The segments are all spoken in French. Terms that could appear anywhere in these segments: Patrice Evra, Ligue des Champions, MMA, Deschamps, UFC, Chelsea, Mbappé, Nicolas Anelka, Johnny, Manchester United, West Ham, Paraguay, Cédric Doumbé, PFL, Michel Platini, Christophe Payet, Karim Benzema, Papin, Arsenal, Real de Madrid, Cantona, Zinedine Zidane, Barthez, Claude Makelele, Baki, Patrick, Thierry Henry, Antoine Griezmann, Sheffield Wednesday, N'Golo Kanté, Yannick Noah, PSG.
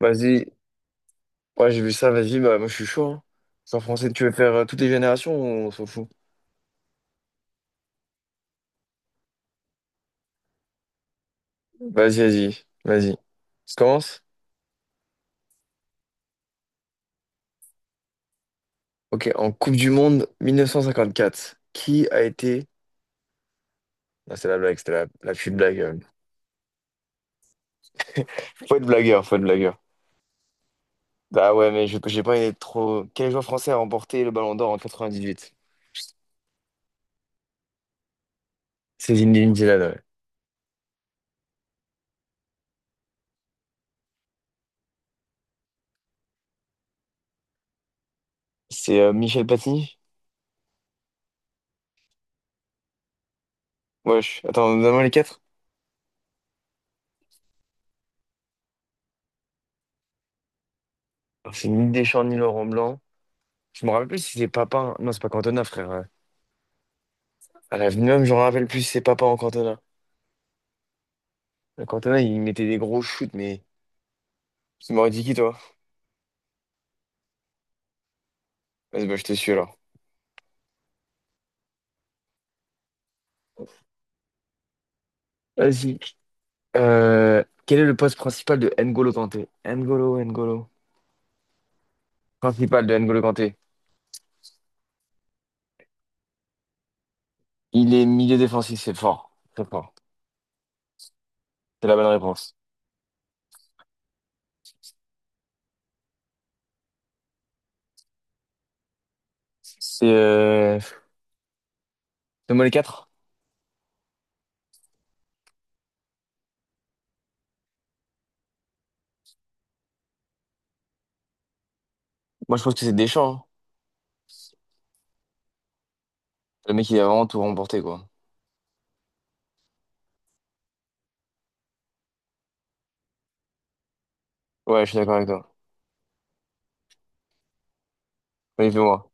Vas-y, ouais, j'ai vu ça, vas-y, bah, moi je suis chaud. Hein. C'est en français, tu veux faire toutes les générations ou on s'en fout? Vas-y. Je commence? Ok, en Coupe du Monde 1954, qui a été. Ah, c'est la blague, c'était la petite blague. Faut être blagueur, faut être blagueur. Ah ouais, mais j'ai pas été trop. Quel joueur français a remporté le Ballon d'Or en 98? C'est Zinedine Zidane, ouais. C'est Michel Platini? Wesh, attends, donne-moi les quatre. Alors, c'est ni Deschamps, ni Laurent Blanc. Je me rappelle plus si c'est Papin. Non, c'est pas Cantona, frère. À la l'avenir, je me rappelle plus, si c'est papa en Cantona. Le Cantona, il mettait des gros shoots, mais tu m'aurais dit qui, toi? Vas-y, bah, je te suis alors. Vas-y. Quel est le poste principal de N'Golo Kanté? N'Golo. Principal de N'Golo Kanté. Il est milieu défensif, c'est fort. Très fort. C'est la bonne réponse. C'est. Donne-moi les quatre. Moi, je pense que c'est Deschamps. Hein. Le mec, il a vraiment tout remporté, quoi. Ouais, je suis d'accord avec toi. Oui, fais-moi.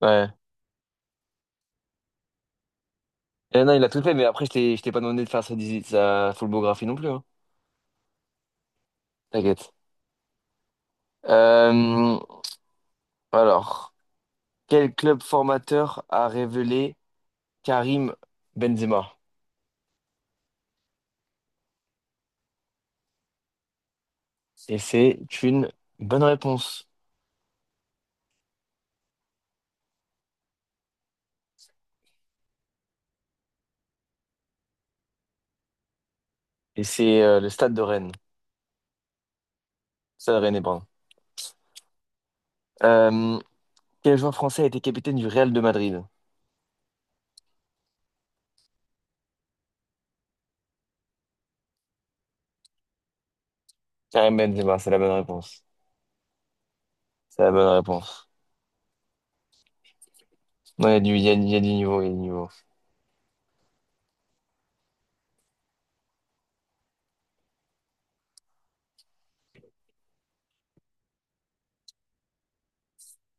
Ouais. Eh non, il a tout fait, mais après, je t'ai pas demandé de faire sa, sa full biographie non plus. Hein. T'inquiète. Euh, Alors, quel club formateur a révélé Karim Benzema? Et c'est une bonne réponse. Et c'est le Stade de Rennes. Stade Rennais, pardon. Euh, Quel joueur français a été capitaine du Real de Madrid? Karim Benzema, c'est la bonne réponse. C'est la bonne réponse. Non, il y a du niveau, il y a du niveau.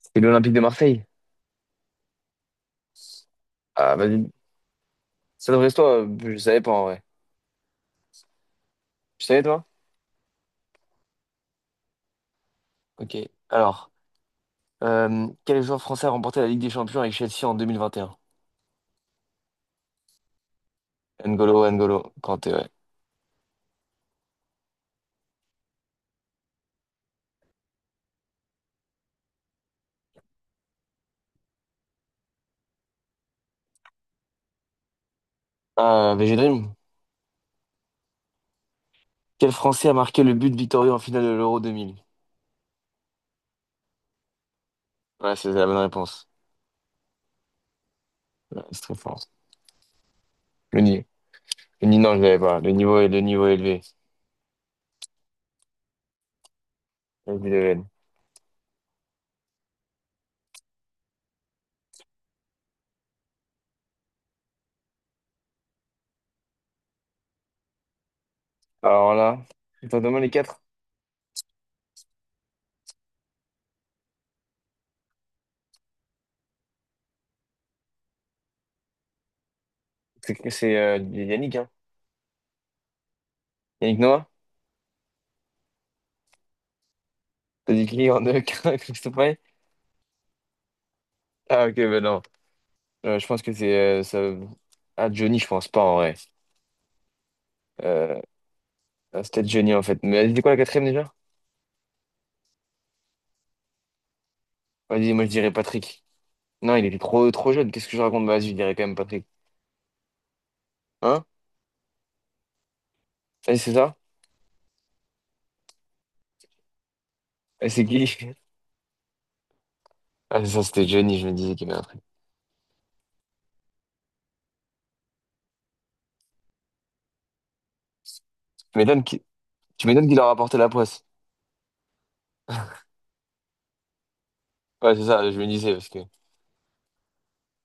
C'était l'Olympique de Marseille? Ah, vas-y. Ça devrait être toi, je savais pas en vrai. Tu savais toi? Ok. Alors, quel joueur français a remporté la Ligue des Champions avec Chelsea en 2021? N'Golo Kanté, ouais. Ah, VG Dream. Quel Français a marqué le but victorieux en finale de l'Euro 2000? Ouais, c'est la bonne réponse. Ouais, c'est très fort. Le ni... le ni- Non, je l'avais pas. Le niveau est élevé. Vas-y, Lionel. Alors là, je t'en demande les quatre. C'est Yannick, hein? Yannick Noah? T'as dit qui en deux, Christophe Payet? Ah, ok, ben non. Je pense que c'est... Ah, Johnny, je pense pas, en vrai. Euh, ah, c'était Johnny, en fait. Mais c'était quoi la quatrième, déjà? Vas-y, moi, je dirais Patrick. Non, il était trop jeune. Qu'est-ce que je raconte? Bah, vas-y, je dirais quand même Patrick. Hein? Vas-y, c'est ça? Et c'est qui? Ah, c'est ça, c'était Johnny, je me disais qu'il y avait un truc. Tu m'étonnes qu'il Tu m'étonnes qu'il leur a apporté la poisse. Ouais, c'est ça, je me disais, parce que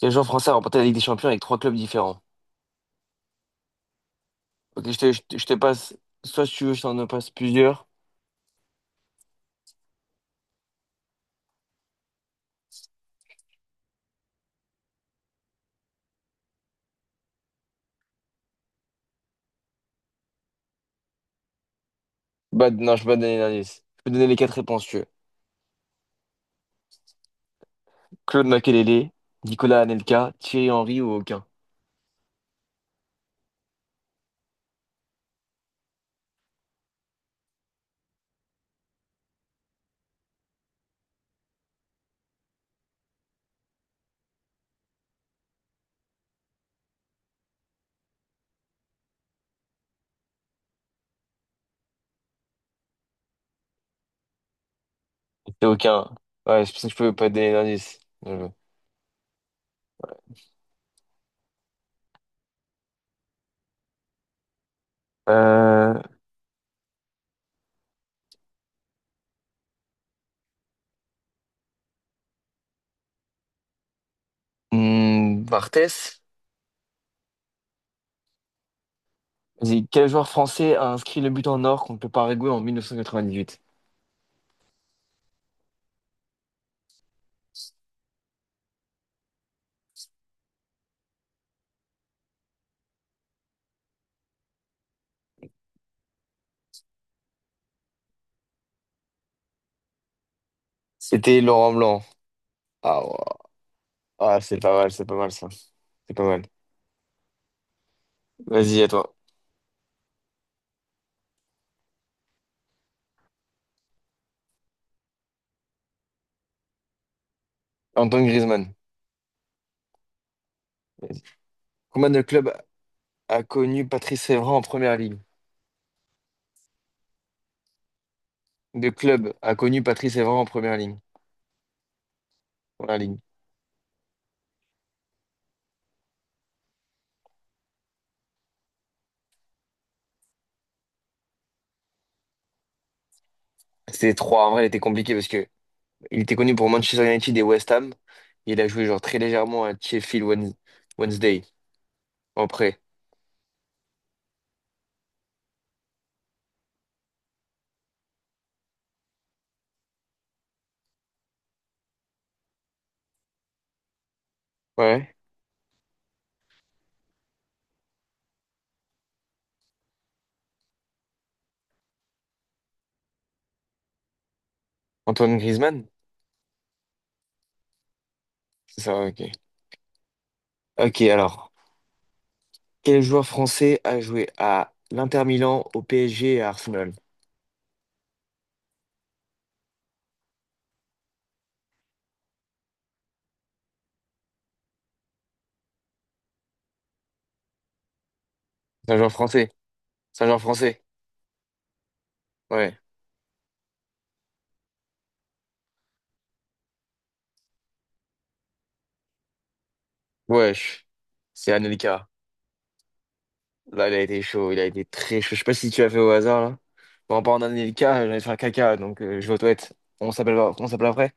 les joueurs français ont remporté la Ligue des Champions avec trois clubs différents. Ok, je te passe, soit si tu veux, je t'en passe plusieurs. Bah, non, je peux pas te donner l'indice. Je peux te donner les quatre réponses, si tu veux. Claude Makelele, Nicolas Anelka, Thierry Henry ou aucun. C'est aucun. Ouais, c'est pour ça que je peux pas te donner l'indice. Bien joué. Euh, hmm, Barthez. Vas-y, quel joueur français a inscrit le but en or contre le Paraguay en 1998? C'était Laurent Blanc. Ah, ouais. Ah, c'est pas mal ça. C'est pas mal. Vas-y, à toi. Antoine Griezmann. Vas-y. Combien de clubs a connu Patrice Evra en première ligne? De clubs a connu Patrice Evra en première ligne. Première ligne. C'était trois. En vrai, il était compliqué parce que il était connu pour Manchester United et West Ham. Il a joué genre très légèrement à Wednesday en prêt. Ouais. Antoine Griezmann? C'est ça, ok. Ok, alors. Quel joueur français a joué à l'Inter Milan, au PSG et à Arsenal? C'est un joueur français. Saint-Jean français. Ouais. Wesh. C'est Anelka. Là, il a été chaud. Il a été très chaud. Je sais pas si tu l'as fait au hasard, là. Bon, en parlant d'Anelka, j'allais faire caca, donc je vais aux toilettes. On s'appelle après.